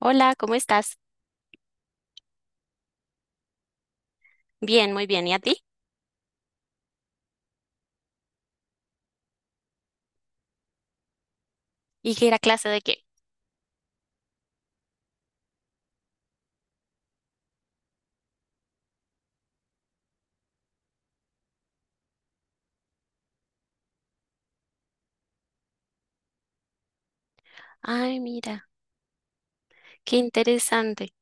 Hola, ¿cómo estás? Bien, muy bien. ¿Y a ti? ¿Y qué era clase de qué? Ay, mira, qué interesante.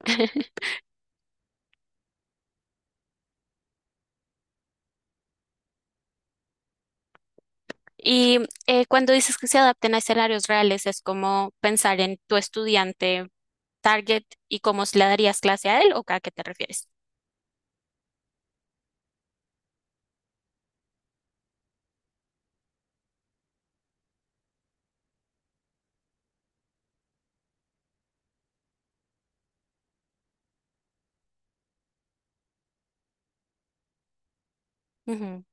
Y cuando dices que se adapten a escenarios reales, es como pensar en tu estudiante target y cómo le darías clase a él, ¿o a qué te refieres? Ujú.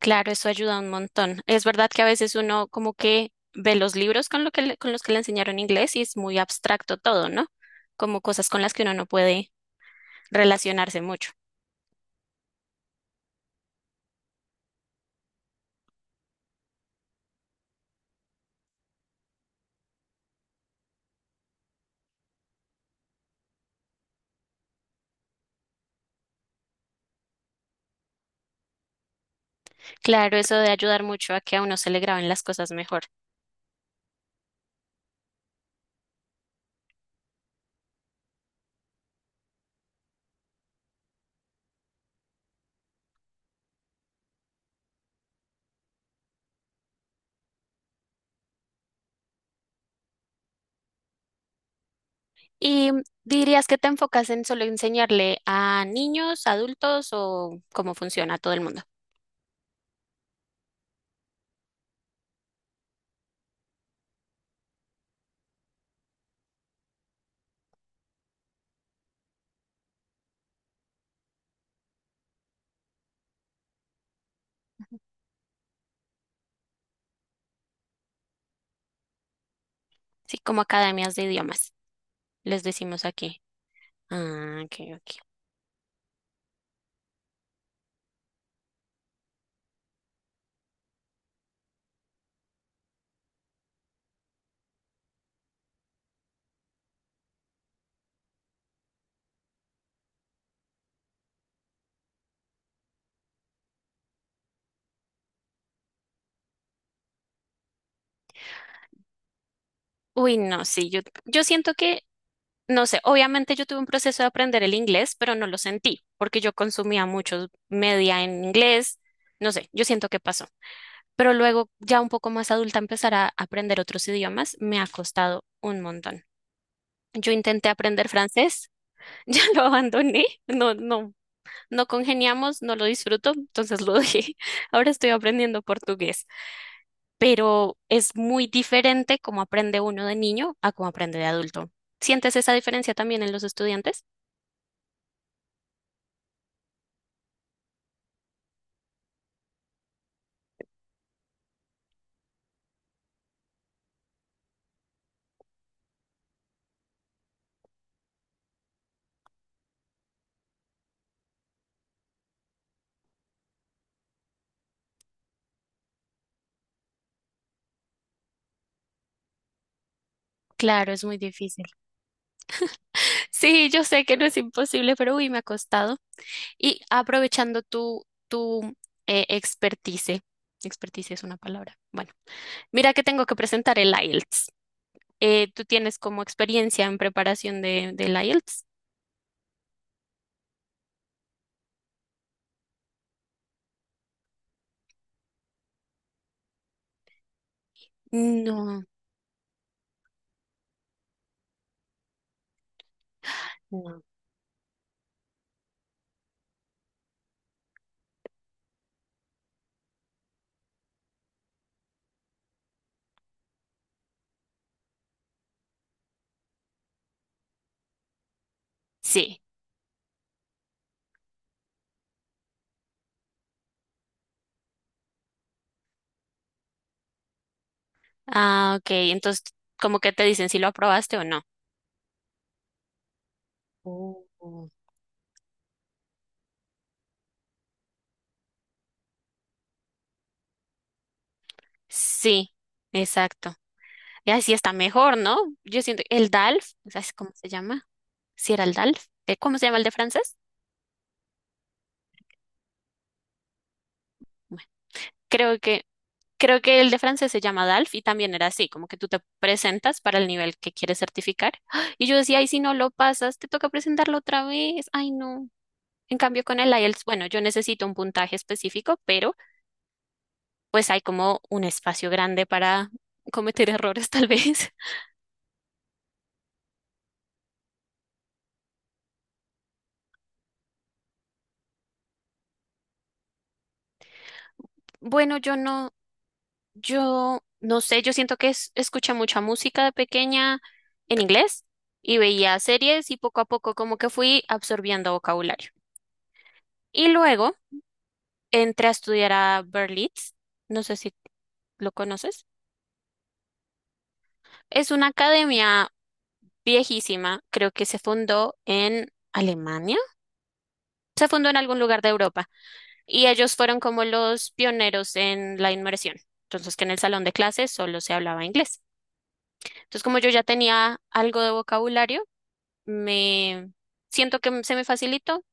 Claro, eso ayuda un montón. Es verdad que a veces uno como que ve los libros con lo que con los que le enseñaron inglés y es muy abstracto todo, ¿no? Como cosas con las que uno no puede relacionarse mucho. Claro, eso de ayudar mucho a que a uno se le graben las cosas mejor. ¿Y dirías que te enfocas en solo enseñarle a niños, adultos o cómo funciona a todo el mundo? Sí, como academias de idiomas, les decimos aquí. Ah, ok, ok. Uy, no, sí, yo siento que, no sé, obviamente yo tuve un proceso de aprender el inglés, pero no lo sentí, porque yo consumía mucho media en inglés, no sé, yo siento que pasó. Pero luego, ya un poco más adulta, empezar a aprender otros idiomas me ha costado un montón. Yo intenté aprender francés, ya lo abandoné, no congeniamos, no lo disfruto, entonces lo dejé. Ahora estoy aprendiendo portugués, pero es muy diferente cómo aprende uno de niño a cómo aprende de adulto. ¿Sientes esa diferencia también en los estudiantes? Claro, es muy difícil. Sí, yo sé que no es imposible, pero uy, me ha costado. Y aprovechando tu expertise, expertise es una palabra. Bueno, mira que tengo que presentar el IELTS. ¿Tú tienes como experiencia en preparación de, del IELTS? No, no. Sí. Ah, ok. Entonces, ¿como que te dicen si lo aprobaste o no? Oh. Sí, exacto. Y así está mejor, ¿no? Yo siento, el DALF, ¿sabes cómo se llama? Si era el DALF. ¿Cómo se llama el de francés? Creo que, creo que el de francés se llama DALF y también era así, como que tú te presentas para el nivel que quieres certificar. ¡Ah! Y yo decía, ay, si no lo pasas, te toca presentarlo otra vez. Ay, no. En cambio, con el IELTS, bueno, yo necesito un puntaje específico, pero pues hay como un espacio grande para cometer errores, tal vez. Bueno, yo no, yo no sé, yo siento que es, escuché mucha música de pequeña en inglés y veía series y poco a poco como que fui absorbiendo vocabulario. Y luego entré a estudiar a Berlitz, no sé si lo conoces. Es una academia viejísima, creo que se fundó en Alemania, se fundó en algún lugar de Europa y ellos fueron como los pioneros en la inmersión. Entonces, que en el salón de clases solo se hablaba inglés. Entonces, como yo ya tenía algo de vocabulario, me siento que se me facilitó.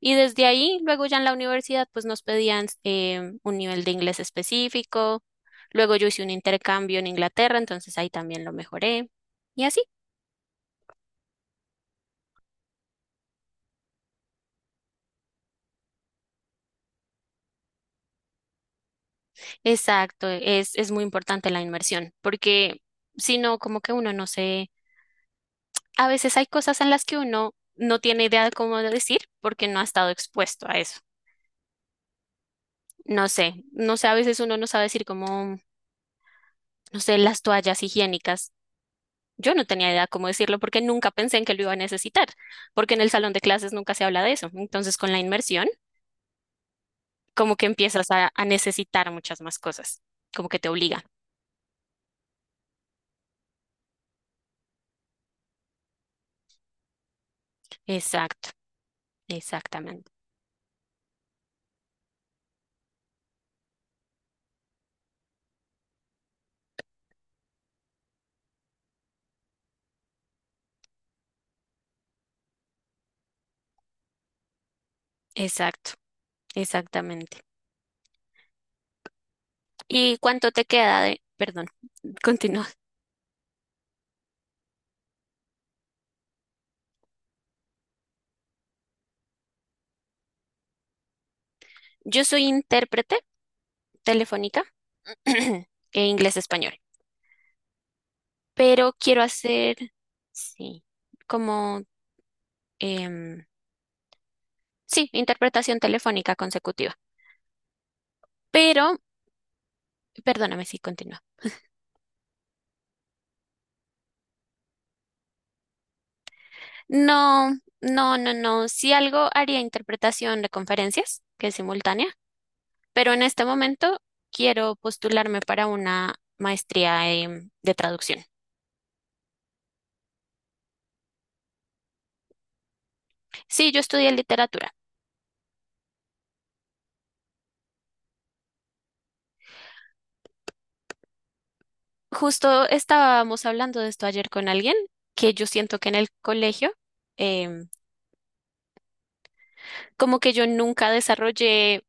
Y desde ahí, luego ya en la universidad, pues nos pedían un nivel de inglés específico. Luego yo hice un intercambio en Inglaterra, entonces ahí también lo mejoré. Y así. Exacto, es muy importante la inmersión, porque si no, como que uno no se, a veces hay cosas en las que uno no tiene idea de cómo decir porque no ha estado expuesto a eso. No sé, no sé, a veces uno no sabe decir como, no sé, las toallas higiénicas. Yo no tenía idea cómo decirlo porque nunca pensé en que lo iba a necesitar, porque en el salón de clases nunca se habla de eso. Entonces, con la inmersión, como que empiezas a necesitar muchas más cosas, como que te obliga. Exacto, exactamente, exacto, exactamente. ¿Y cuánto te queda de, perdón, continúa? Yo soy intérprete telefónica e inglés-español, pero quiero hacer, sí, como, em, sí, interpretación telefónica consecutiva. Pero perdóname si continúa. No, no. Si algo haría interpretación de conferencias, que es simultánea, pero en este momento quiero postularme para una maestría de traducción. Sí, yo estudié literatura. Justo estábamos hablando de esto ayer con alguien, que yo siento que en el colegio, em, como que yo nunca desarrollé,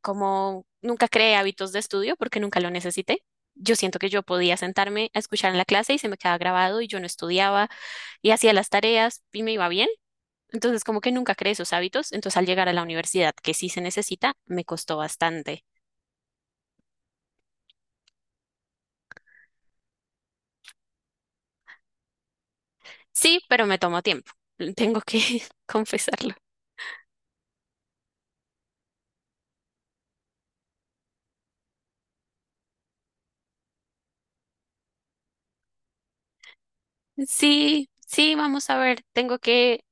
como nunca creé hábitos de estudio porque nunca lo necesité. Yo siento que yo podía sentarme a escuchar en la clase y se me quedaba grabado y yo no estudiaba y hacía las tareas y me iba bien. Entonces, como que nunca creé esos hábitos. Entonces, al llegar a la universidad, que sí se necesita, me costó bastante. Sí, pero me tomó tiempo. Tengo que confesarlo. Sí, sí, vamos a ver. Tengo que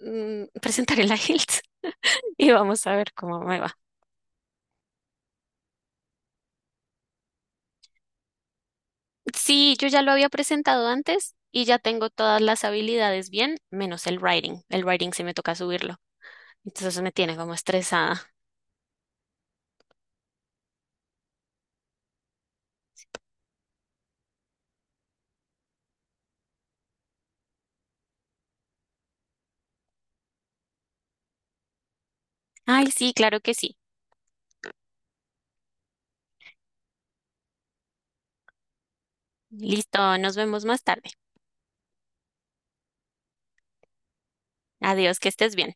presentar el IELTS y vamos a ver cómo me va. Sí, yo ya lo había presentado antes y ya tengo todas las habilidades bien, menos el writing. El writing sí me toca subirlo. Entonces me tiene como estresada. Ay, sí, claro que sí. Listo, nos vemos más tarde. Adiós, que estés bien.